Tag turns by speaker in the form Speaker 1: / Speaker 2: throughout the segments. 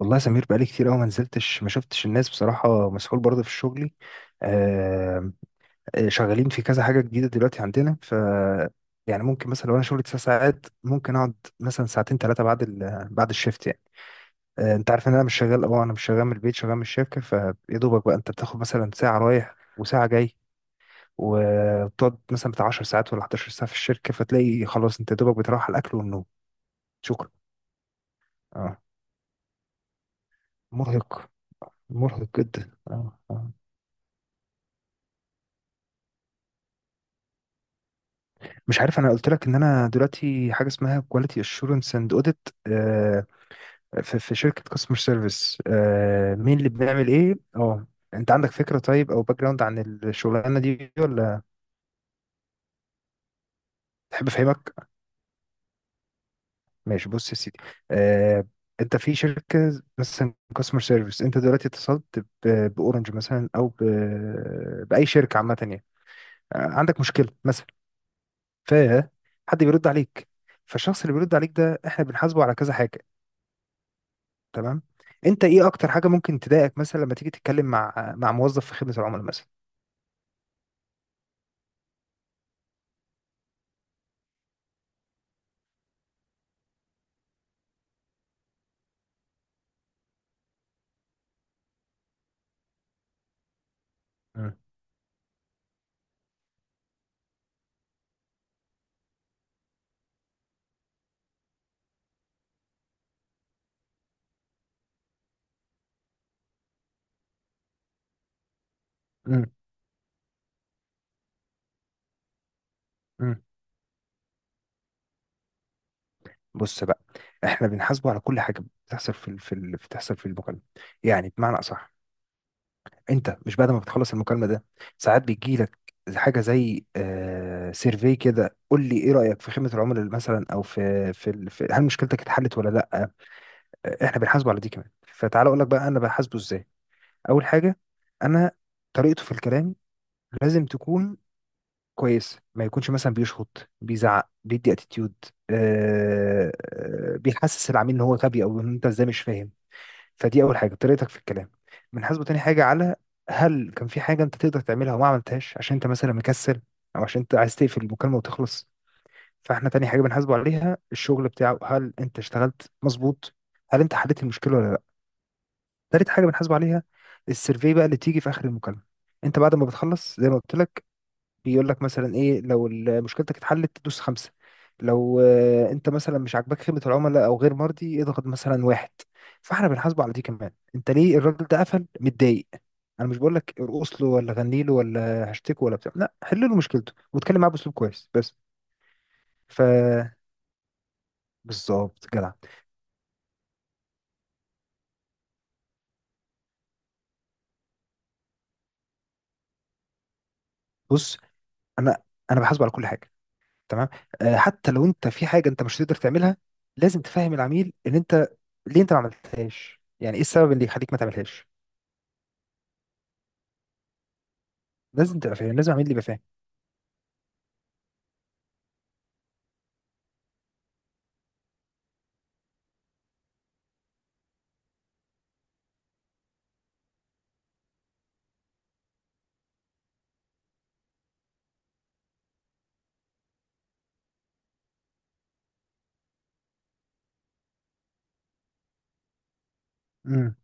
Speaker 1: والله يا سمير، بقالي كتير قوي ما نزلتش، ما شفتش الناس بصراحة، مسحول برضه في شغلي. آه. شغالين في كذا حاجة جديدة دلوقتي عندنا. يعني ممكن مثلا لو انا شغلي 9 ساعات ممكن اقعد مثلا ساعتين ثلاثة بعد الشيفت يعني. انت عارف ان انا مش شغال، من البيت، شغال من الشركة، فيا دوبك بقى انت بتاخد مثلا ساعة رايح وساعة جاي، وتقعد مثلا بتاع 10 ساعات ولا 11 ساعة في الشركة، فتلاقي خلاص انت يا دوبك بتروح على الاكل والنوم. شكرا. اه. مرهق. مرهق جدا. اه. مش عارف، انا قلت لك ان انا دلوقتي حاجه اسمها كواليتي اشورنس اند اوديت في شركه كاستمر سيرفيس. مين اللي بنعمل ايه؟ اه انت عندك فكره طيب او باك جراوند عن الشغلانه دي ولا تحب افهمك؟ ماشي، بص يا سيدي. آه، انت في شركه مثلا كاستمر سيرفيس، انت دلوقتي اتصلت باورنج مثلا، او باي شركه عامه يعني. آه، عندك مشكله مثلا، فحد بيرد عليك. فالشخص اللي بيرد عليك ده احنا بنحاسبه على كذا حاجه. تمام. انت ايه اكتر حاجه ممكن تضايقك مثلا لما تيجي تتكلم مع موظف في خدمه العملاء مثلا؟ مم. مم. مم. بص بقى، احنا بنحاسبه على كل حاجه بتحصل بتحصل في المكالمه. يعني بمعنى اصح، انت مش بعد ما بتخلص المكالمه ده ساعات بيجي لك حاجه زي سيرفي كده، قول لي ايه رايك في خدمه العملاء مثلا، او في هل مشكلتك اتحلت ولا لا. آه، احنا بنحاسبه على دي كمان. فتعال اقول لك بقى انا بحاسبه ازاي. اول حاجه، انا طريقته في الكلام لازم تكون كويس، ما يكونش مثلا بيشخط، بيزعق، بيدي اتيتيود. آه بيحسس العميل ان هو غبي، او ان انت ازاي مش فاهم. فدي اول حاجه، طريقتك في الكلام. بنحاسبه تاني حاجه على هل كان في حاجه انت تقدر تعملها وما عملتهاش، عشان انت مثلا مكسل، او عشان انت عايز تقفل المكالمه وتخلص. فاحنا تاني حاجه بنحاسبه عليها الشغل بتاعه، هل انت اشتغلت مظبوط، هل انت حليت المشكله ولا لا. تالت حاجه بنحاسبه عليها السيرفي بقى اللي تيجي في اخر المكالمه. انت بعد ما بتخلص، زي ما قلت لك، بيقول لك مثلا ايه، لو مشكلتك اتحلت تدوس 5، لو آه، انت مثلا مش عاجباك خدمة العملاء او غير مرضي اضغط مثلا 1. فاحنا بنحاسبه على دي كمان، انت ليه الراجل ده قفل متضايق. انا مش بقول لك ارقص له ولا غني له ولا هشتكه ولا بتاع، لا، حل له مشكلته واتكلم معاه باسلوب كويس بس. ف بالظبط جدع. بص، انا انا بحاسبه على كل حاجه. تمام؟ آه، حتى لو انت في حاجه انت مش هتقدر تعملها، لازم تفهم العميل ان انت ليه انت ما عملتهاش، يعني ايه السبب اللي يخليك ما تعملهاش. لازم تبقى فاهم، لازم عميل يبقى فاهم. امم.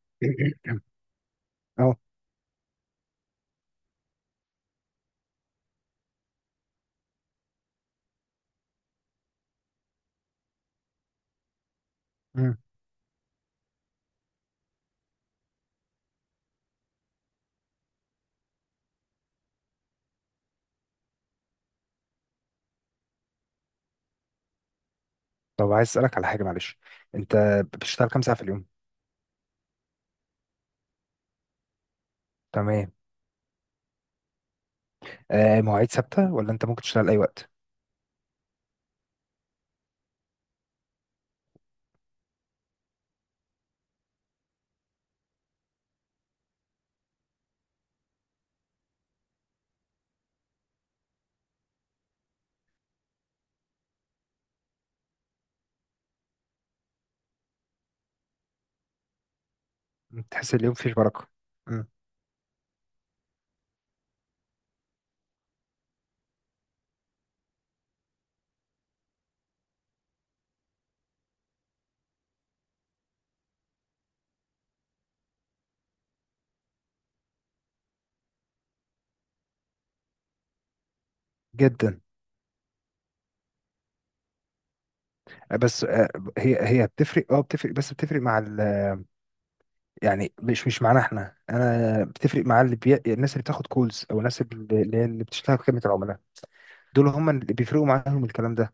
Speaker 1: اه. امم. طب عايز اسالك على حاجه معلش، انت بتشتغل كام ساعه في اليوم؟ تمام. آه، مواعيد ثابته ولا انت ممكن تشتغل اي وقت؟ مم، تحس اليوم فيه بركه. امم. جدا. آه، بس آه، هي بتفرق، اه بتفرق، بس بتفرق مع ال يعني مش معانا احنا، انا بتفرق مع الناس اللي بتاخد كولز، او الناس اللي بتشتغل في خدمه العملاء. دول هم اللي بيفرقوا معاهم الكلام ده.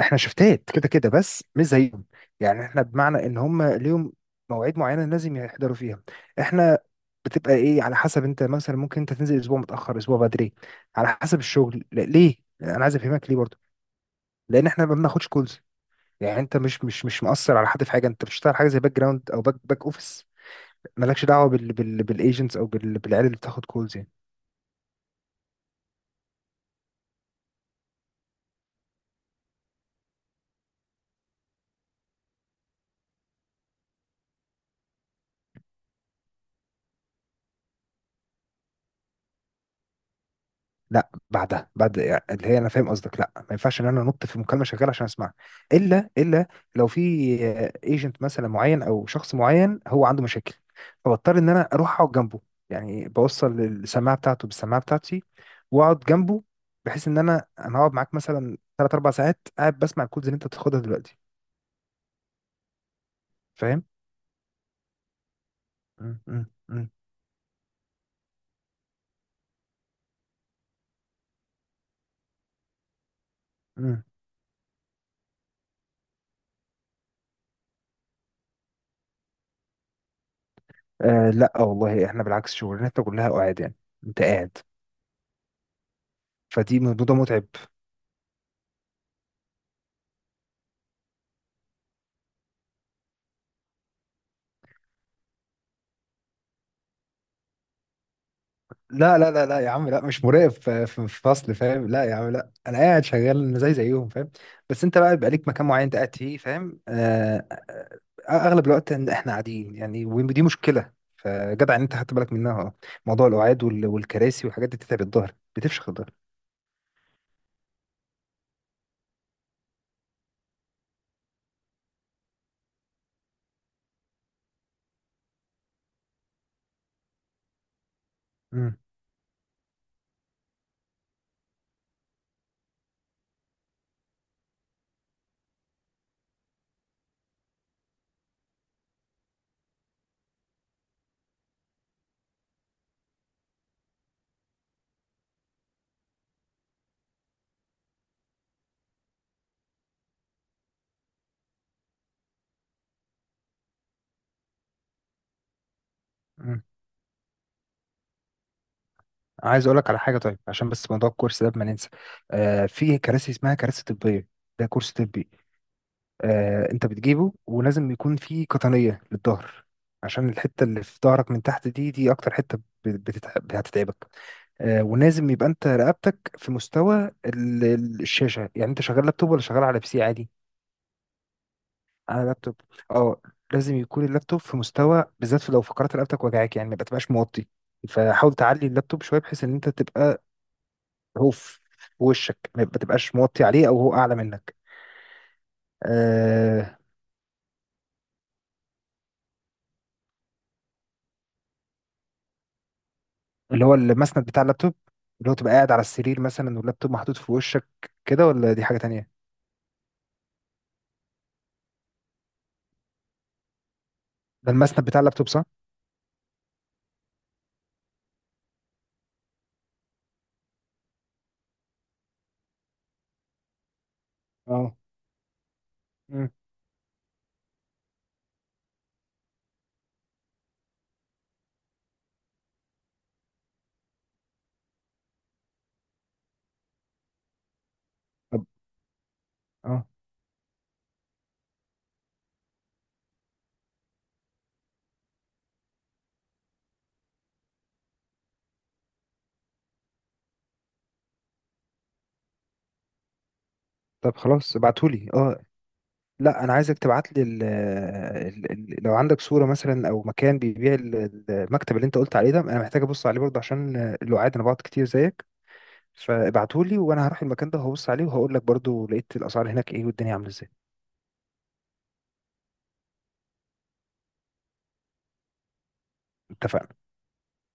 Speaker 1: احنا شفتات كده كده، بس مش زيهم. يعني احنا بمعنى ان هم ليهم مواعيد معينه لازم يحضروا فيها، احنا بتبقى ايه على حسب، انت مثلا ممكن انت تنزل اسبوع متاخر اسبوع بدري، على حسب الشغل. لا ليه، انا عايز افهمك ليه برضه، لان احنا ما بناخدش كولز. يعني انت مش مؤثر على حد في حاجه، انت بتشتغل حاجه زي باك جراوند او باك اوفيس، مالكش دعوه بالايجنتس او بالعيال اللي بتاخد كولز. لا، بعدها يعني، اللي هي، انا فاهم قصدك، لا ما ينفعش ان انا انط في مكالمه شغاله عشان اسمعها. الا لو في ايجنت مثلا معين او شخص معين هو عنده مشاكل، فبضطر ان انا اروح اقعد جنبه، يعني بوصل السماعه بتاعته بالسماعه بتاعتي واقعد جنبه، بحيث ان انا هقعد معاك مثلا 3 4 ساعات قاعد بسمع الكودز اللي انت بتاخدها دلوقتي. فاهم. مم. مم. آه لا والله، احنا بالعكس شغلانتنا كلها قعاد يعني، انت قاعد، فدي موضوع متعب. لا يا عم، لا مش مراقب، في في فصل، فاهم؟ لا يا عم، لا انا قاعد شغال زيهم، فاهم؟ بس انت بقى بيبقى ليك مكان معين انت قاعد فيه، فاهم؟ آه، اغلب الوقت إن احنا قاعدين يعني، ودي مشكله، فجدع ان انت خدت بالك منها. اه، موضوع القعاد والكراسي والحاجات دي بتتعب الظهر، بتفشخ الظهر. مم. مم. عايز اقول لك على حاجه، طيب عشان بس موضوع الكورس ده ما ننسى. آه، في كراسي اسمها كراسي طبيه، ده كورس طبي. آه، انت بتجيبه ولازم يكون في قطنية للظهر، عشان الحتة اللي في ظهرك من تحت دي، دي اكتر حتة بتتعب، هتتعبك. آه، ولازم يبقى انت رقبتك في مستوى الشاشة، يعني انت شغال لابتوب ولا شغال على بي سي عادي؟ على لابتوب. اه، لازم يكون اللابتوب في مستوى، بالذات في لو فقرات رقبتك وجعاك، يعني ما تبقاش موطي. فحاول تعلي اللابتوب شوية بحيث ان انت تبقى، هو في وشك، ما تبقاش موطي عليه او هو اعلى منك. آه، اللي هو المسند بتاع اللابتوب، اللي هو تبقى قاعد على السرير مثلا واللابتوب محطوط في وشك كده، ولا دي حاجة تانية؟ ده المسند بتاع اللابتوب صح؟ اه. مم. طب، اه طب خلاص ابعتهولي، اه لا، انا عايزك تبعت لي لو عندك صورة مثلا او مكان بيبيع المكتب اللي انت قلت عليه ده، انا محتاج ابص عليه برضه، عشان اللي انا بقعد كتير زيك، فابعتهولي وانا هروح المكان ده وهبص عليه وهقول لك برضه لقيت الاسعار هناك ايه والدنيا عاملة ازاي. اتفقنا.